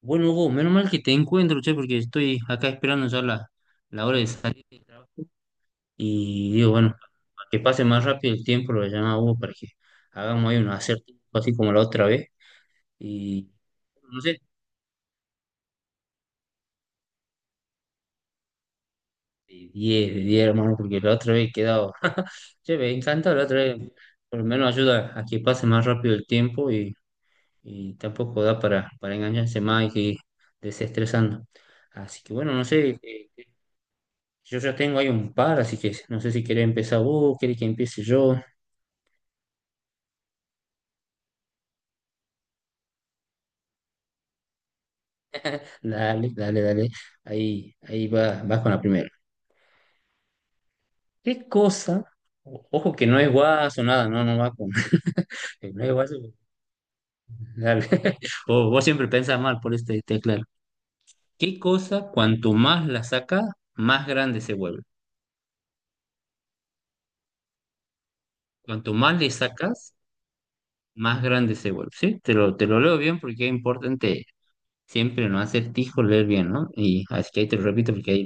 Bueno, Hugo, menos mal que te encuentro, che, porque estoy acá esperando ya la hora de salir del trabajo. Y digo, bueno, para que pase más rápido el tiempo, lo voy a llamar a Hugo para que hagamos ahí un acertijo así como la otra vez. Y no sé, de 10 hermano, porque la otra vez he quedado. Che, me encanta la otra vez. Por lo menos ayuda a que pase más rápido el tiempo y tampoco da para engañarse más y que ir desestresando. Así que bueno, no sé, yo ya tengo ahí un par, así que no sé si querés empezar vos, querés que empiece yo. Dale, dale, dale. Ahí va, vas con la primera. ¿Qué cosa? Ojo que no es guaso, nada, no, no va con. No es guaso. Dale. O vos siempre pensás mal, por eso te aclaro. ¿Qué cosa, cuanto más la sacas, más grande se vuelve? Cuanto más le sacas, más grande se vuelve. ¿Sí? Te lo leo bien porque es importante siempre no acertijo leer bien, ¿no? Y así que ahí te lo repito porque ahí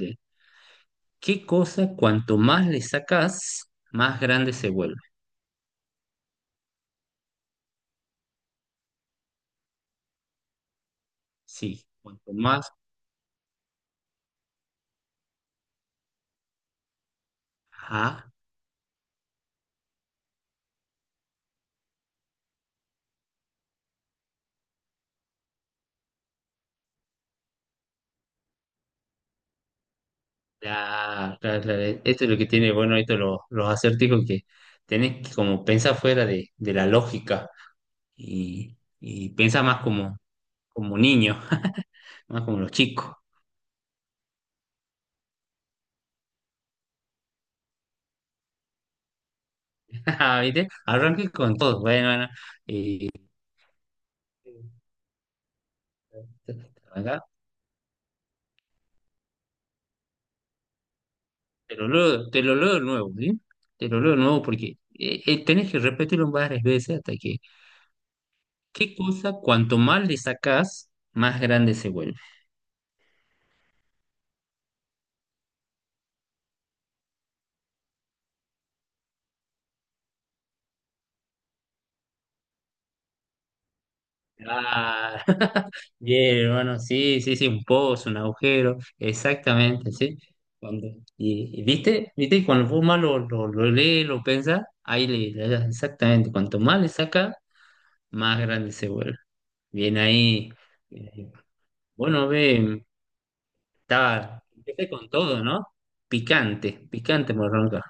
¿qué cosa cuanto más le sacas, más grande se vuelve? Sí, cuanto más... Ah, claro, claro, claro. Esto es lo que tiene, bueno, esto los acertijos que tenés que como pensar fuera de la lógica y pensar más como, como niño, más como los chicos. Ah, ¿viste? Arranqué con todo, bueno, bueno. Y, acá, te lo leo de nuevo, ¿sí? Te lo leo de nuevo porque tenés que repetirlo varias veces hasta que ¿qué cosa cuanto más le sacas, más grande se vuelve? Ah, bien, hermano, sí, sí, sí, un pozo, un agujero, exactamente, sí. Cuando, y viste, viste, y cuando vos más lo lees, lo pensás, ahí le das exactamente, cuanto más le sacas, más grande se vuelve. Bien ahí. Eh, Bueno, ve, está, empecé con todo, ¿no? Picante, picante, morronca.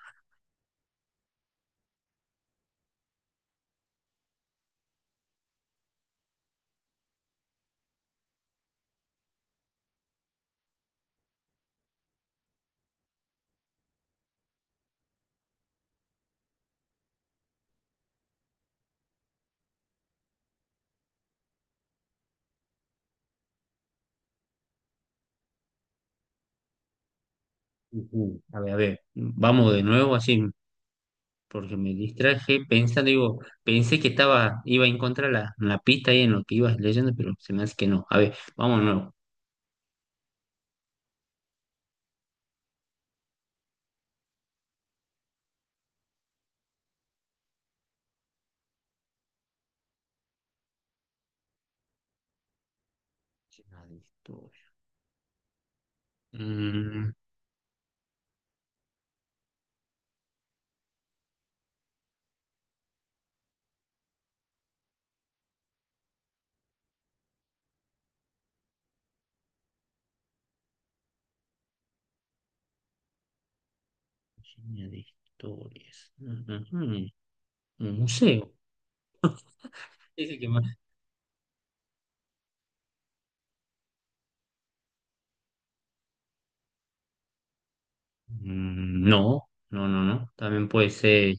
Ujú. A ver, vamos de nuevo así porque me distraje pensando, digo, pensé que estaba, iba a encontrar la pista ahí en lo que ibas leyendo, pero se me hace que no. A ver, vamos de nuevo. Llena de historia. Mm, llena de historias. Ujú. Un museo. Dice que más. Mm, no, no, no, no. También puede ser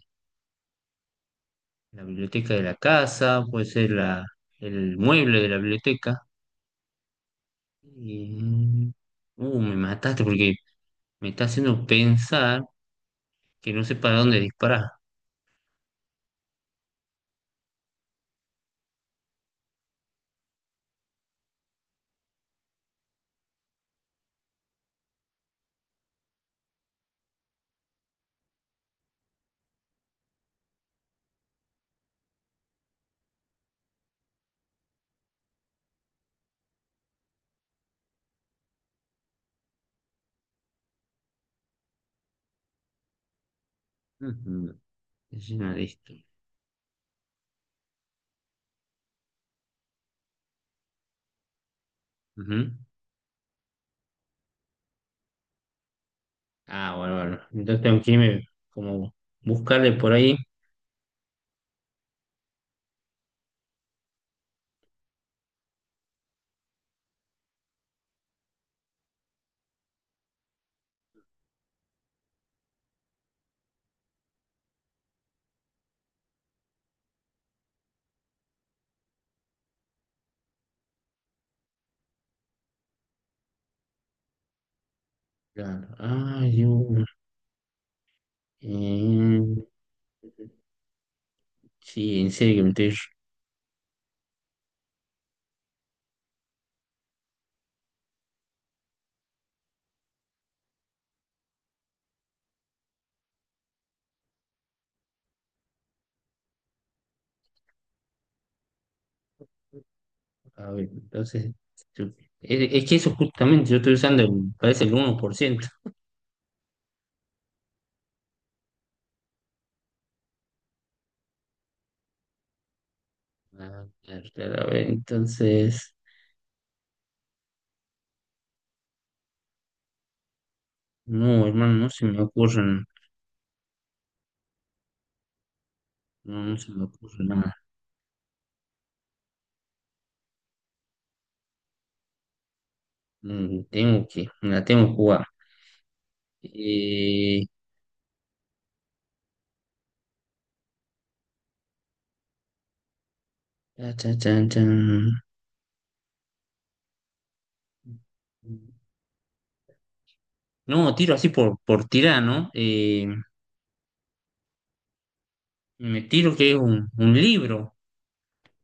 la biblioteca de la casa, puede ser el mueble de la biblioteca. Y, me mataste porque me está haciendo pensar que no sé para dónde disparar. Ujú. Ah, listo. Ujú. Ah, bueno, bueno. Entonces tengo que irme como buscarle por ahí. Claro. Ay, una. Eh, sí, en serio que me estoy. A ver, entonces. yo- es que eso justamente yo estoy usando, parece el 1%. Ah, claro, claro, a ver, entonces. No, hermano, no se me ocurren. No, no se me ocurre nada. Mm, tengo que, me la tengo que jugar. Eh, cha, cha, chan, chan. No, tiro así por tirar, ¿no? Me tiro que es un libro.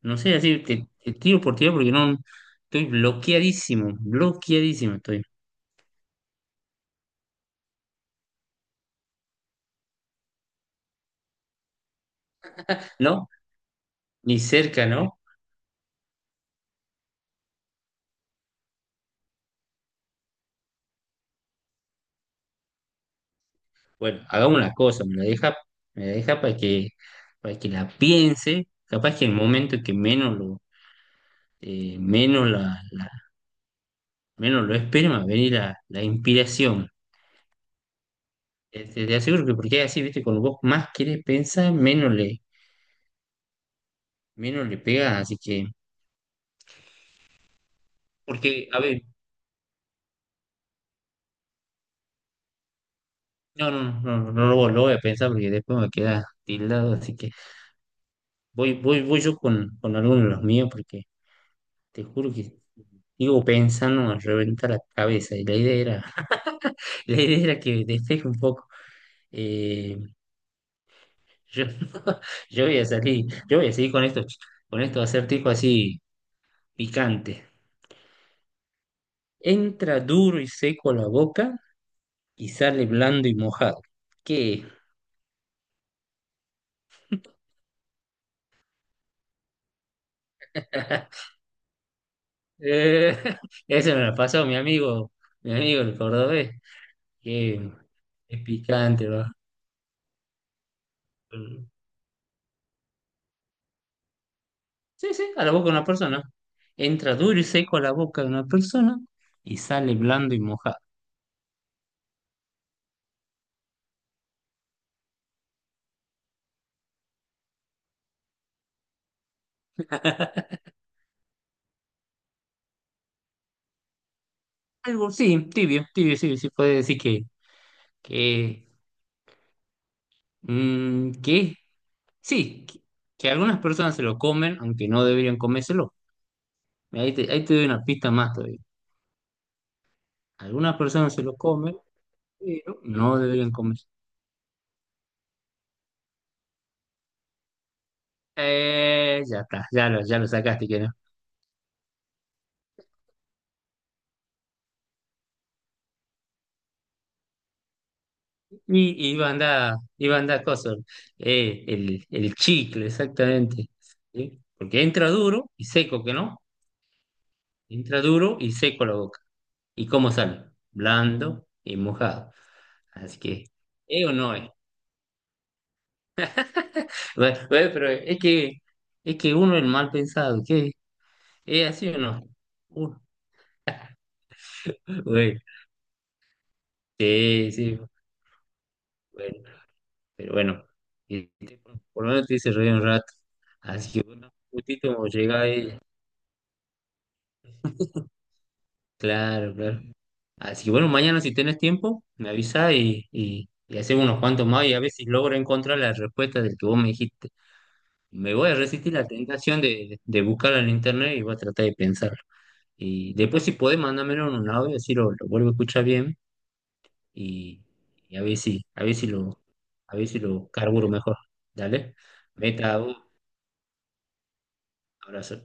No sé, así te, te tiro por tirar porque no estoy bloqueadísimo, bloqueadísimo estoy. No, ni cerca, ¿no? Bueno, hagamos una cosa, me la deja para que la piense. Capaz que en el momento que menos lo, menos la, menos lo espere, me va a venir la inspiración. Te aseguro que porque es así, viste, cuando vos más querés pensar, menos le pegás, así que. Porque, a ver, no, no, no, no, no lo, lo voy a pensar porque después me queda tildado, así que voy yo con alguno de los míos porque te juro que digo pensando me reventa la cabeza y la idea era, la idea era que despeje un poco. Eh, yo, yo voy a salir, yo voy a seguir con estos acertijos así picantes. Entra duro y seco a la boca y sale blando y mojado. ¿Qué? Eh, ese me lo pasó mi amigo el cordobés que es picante, va. Mm. Sí, sí, a la boca de una persona. Entra duro y seco a la boca de una persona y sale blando y mojado. Algo, sí, tibio, tibio, sí, sí, puede decir que, que, sí, que algunas personas se lo comen, aunque no deberían comérselo. Ahí te doy una pista más todavía. Algunas personas se lo comen, pero no deberían comerse. Ya está, ya lo sacaste, que no. Y banda cosas el chicle, exactamente. ¿Sí? Porque entra duro y seco, que no. Entra duro y seco la boca. ¿Y cómo sale? Blando y mojado. Así que, ¿es o no es? Bueno, bueno, pero es que uno es el mal pensado, ¿qué? ¿Es así o no? Uh, bueno, sí, sí, bueno, pero bueno, y- por lo menos te hice reír un rato. Así que bueno, justito llega ahí. Claro, claro. Así que bueno, mañana si tenés tiempo, me avisa y hacemos unos cuantos más y a ver si logro encontrar la respuesta del que vos me dijiste. Me voy a resistir la tentación de buscarla en internet y voy a tratar de pensarlo. Y después si podés, mándamelo en un audio, así lo vuelvo a escuchar bien y, y a ver si, a ver si lo carburo mejor. Dale. Meta, vos, abrazo.